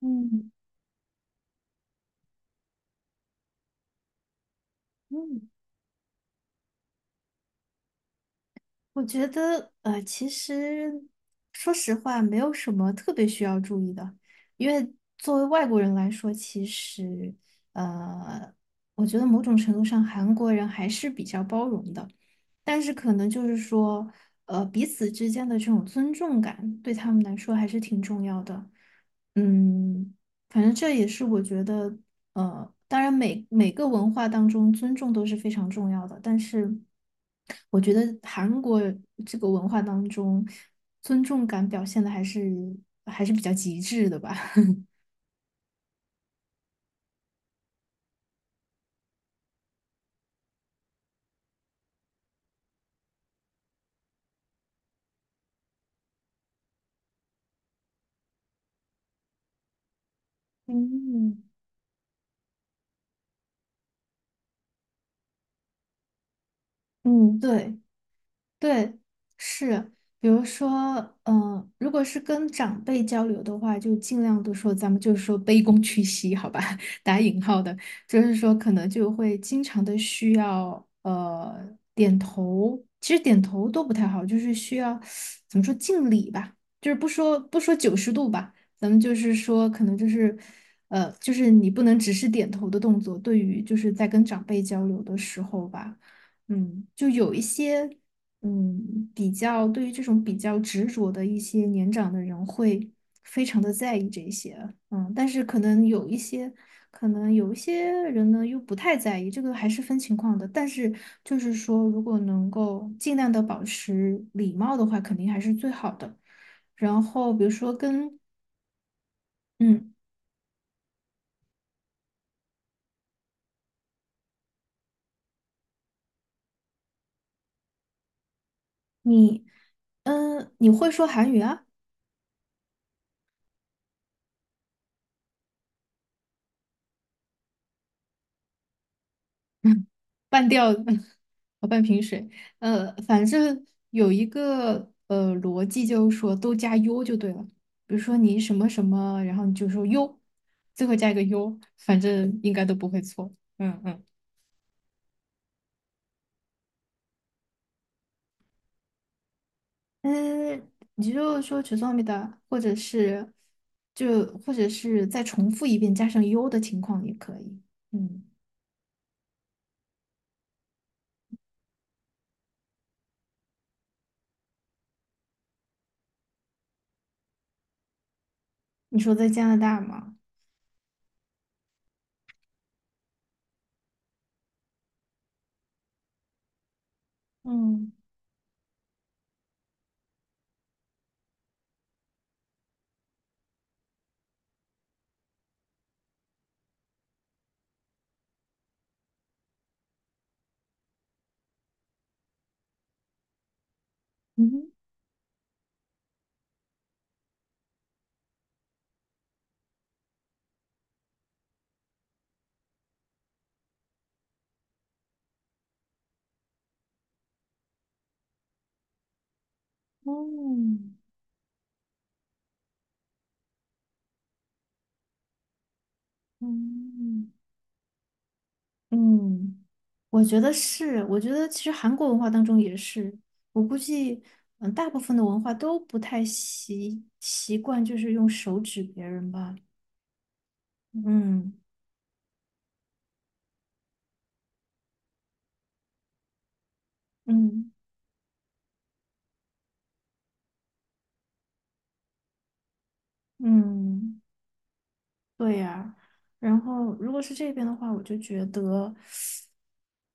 嗯嗯，我觉得其实说实话，没有什么特别需要注意的，因为作为外国人来说，其实呃，我觉得某种程度上韩国人还是比较包容的，但是可能就是说，彼此之间的这种尊重感，对他们来说还是挺重要的。嗯，反正这也是我觉得，当然每个文化当中尊重都是非常重要的，但是我觉得韩国这个文化当中，尊重感表现的还是比较极致的吧。嗯，嗯，对。对，是，比如说，嗯、如果是跟长辈交流的话，就尽量的说，咱们就是说卑躬屈膝，好吧，打引号的，就是说可能就会经常的需要点头，其实点头都不太好，就是需要怎么说敬礼吧，就是不说90度吧，咱们就是说可能就是就是你不能只是点头的动作，对于就是在跟长辈交流的时候吧。嗯，就有一些嗯，比较对于这种比较执着的一些年长的人会非常的在意这些，嗯，但是可能有一些，可能有一些人呢又不太在意，这个还是分情况的。但是就是说，如果能够尽量的保持礼貌的话，肯定还是最好的。然后比如说跟，嗯，你，嗯，你会说韩语啊？半吊子，哦，半瓶水。反正有一个逻辑，就是说都加 u 就对了。比如说你什么什么，然后你就说 u，最后加一个 u，反正应该都不会错。嗯嗯。嗯，你就说죄송합니다或者是就或者是再重复一遍加上 u 的情况也可以。嗯，你说在加拿大吗？嗯嗯哼嗯嗯。嗯，我觉得是，我觉得其实韩国文化当中也是，我估计，嗯，大部分的文化都不太习惯，就是用手指别人吧。嗯嗯嗯，对呀。然后，如果是这边的话，我就觉得，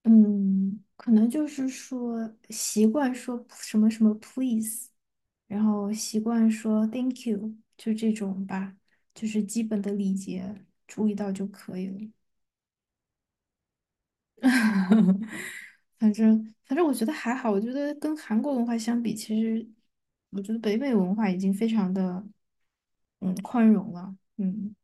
嗯，可能就是说习惯说什么什么 please，然后习惯说 thank you，就这种吧，就是基本的礼节注意到就可以了。反正我觉得还好，我觉得跟韩国文化相比，其实我觉得北美文化已经非常的嗯宽容了，嗯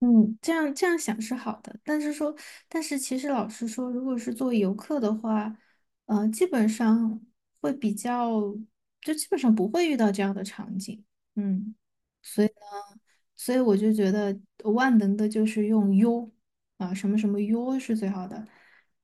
嗯，这样这样想是好的，但是说，但是其实老实说，如果是作为游客的话，基本上会比较，就基本上不会遇到这样的场景，嗯。所以我就觉得万能的就是用 U 啊，什么什么 U 是最好的。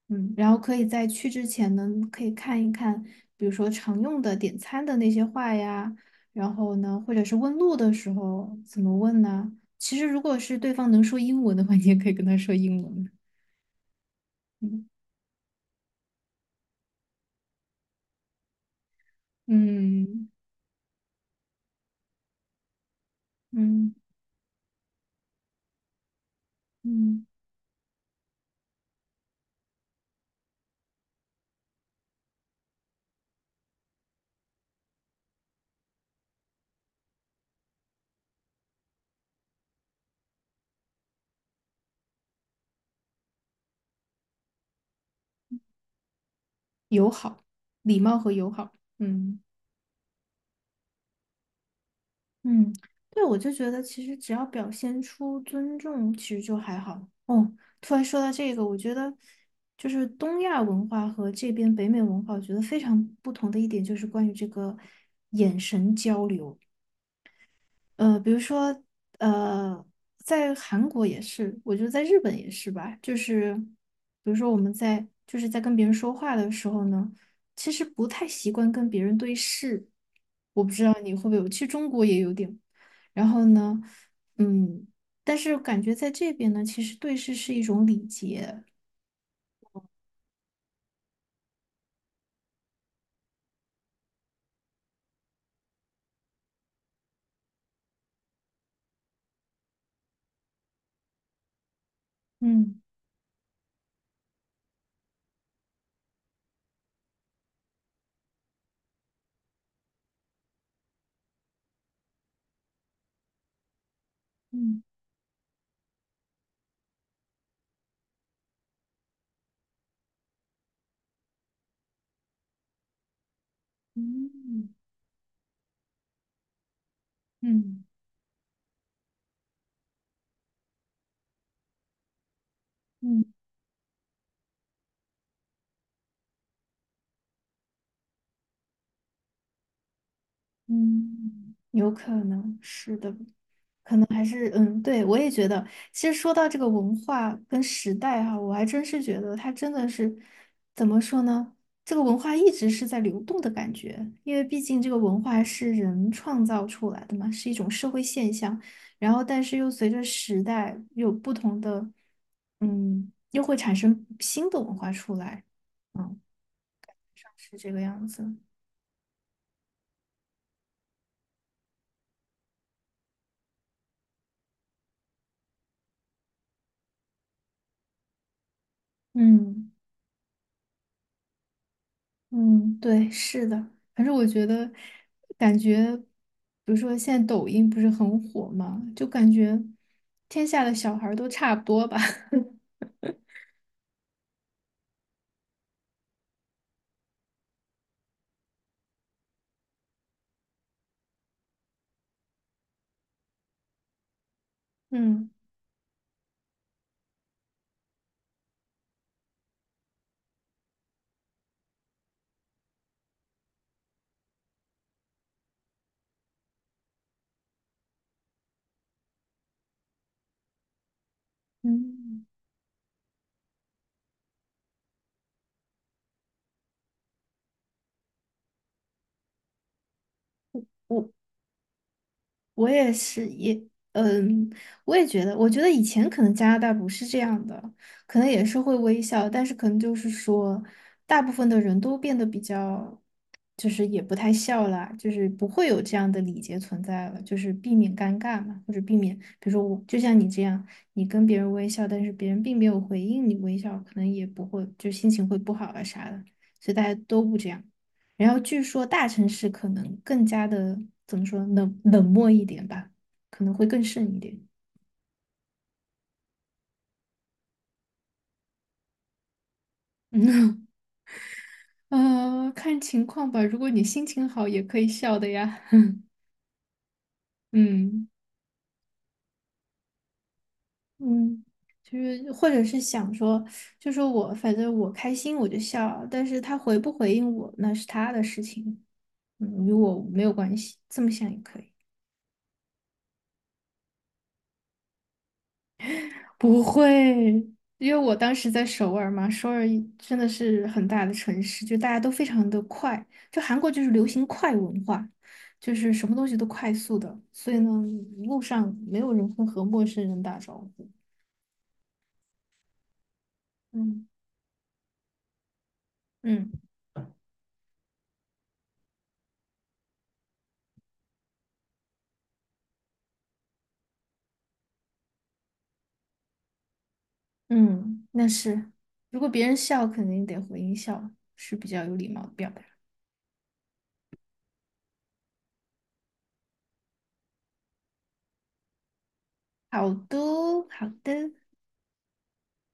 嗯，然后可以在去之前呢，可以看一看，比如说常用的点餐的那些话呀，然后呢，或者是问路的时候怎么问呢？其实如果是对方能说英文的话，你也可以跟他说英文。嗯嗯嗯嗯，友好、礼貌和友好。嗯。嗯，对，我就觉得其实只要表现出尊重，其实就还好。哦，突然说到这个，我觉得就是东亚文化和这边北美文化，我觉得非常不同的一点就是关于这个眼神交流。比如说，呃，在韩国也是，我觉得在日本也是吧。就是，比如说我们在就是在跟别人说话的时候呢，其实不太习惯跟别人对视。我不知道你会不会有，其实中国也有点。然后呢，嗯，但是感觉在这边呢，其实对视是一种礼节。嗯嗯嗯嗯嗯嗯，嗯有可能是的。还是嗯，对，我也觉得。其实说到这个文化跟时代哈、我还真是觉得它真的是怎么说呢？这个文化一直是在流动的感觉，因为毕竟这个文化是人创造出来的嘛，是一种社会现象。然后，但是又随着时代有不同的，嗯，又会产生新的文化出来，嗯，是这个样子。嗯。嗯，对，是的。反正我觉得，感觉，比如说现在抖音不是很火嘛，就感觉天下的小孩儿都差不多吧。嗯嗯，我。我也是，也，嗯，我也觉得，我觉得以前可能加拿大不是这样的，可能也是会微笑，但是可能就是说，大部分的人都变得比较，就是也不太笑啦，就是不会有这样的礼节存在了，就是避免尴尬嘛，或者避免，比如说我就像你这样，你跟别人微笑，但是别人并没有回应你微笑，可能也不会，就心情会不好啊啥的，所以大家都不这样。然后据说大城市可能更加的怎么说冷漠一点吧，可能会更甚一点。看情况吧。如果你心情好，也可以笑的呀。嗯嗯，就是或者是想说，就说我反正我开心我就笑，但是他回不回应我那是他的事情，嗯，与我没有关系，这么想也可以。不会，因为我当时在首尔嘛，首尔一真的是很大的城市，就大家都非常的快，就韩国就是流行快文化，就是什么东西都快速的，所以呢，路上没有人会和陌生人打招呼。嗯嗯嗯，那是，如果别人笑，肯定得回应笑，是比较有礼貌的表达。好的，好的。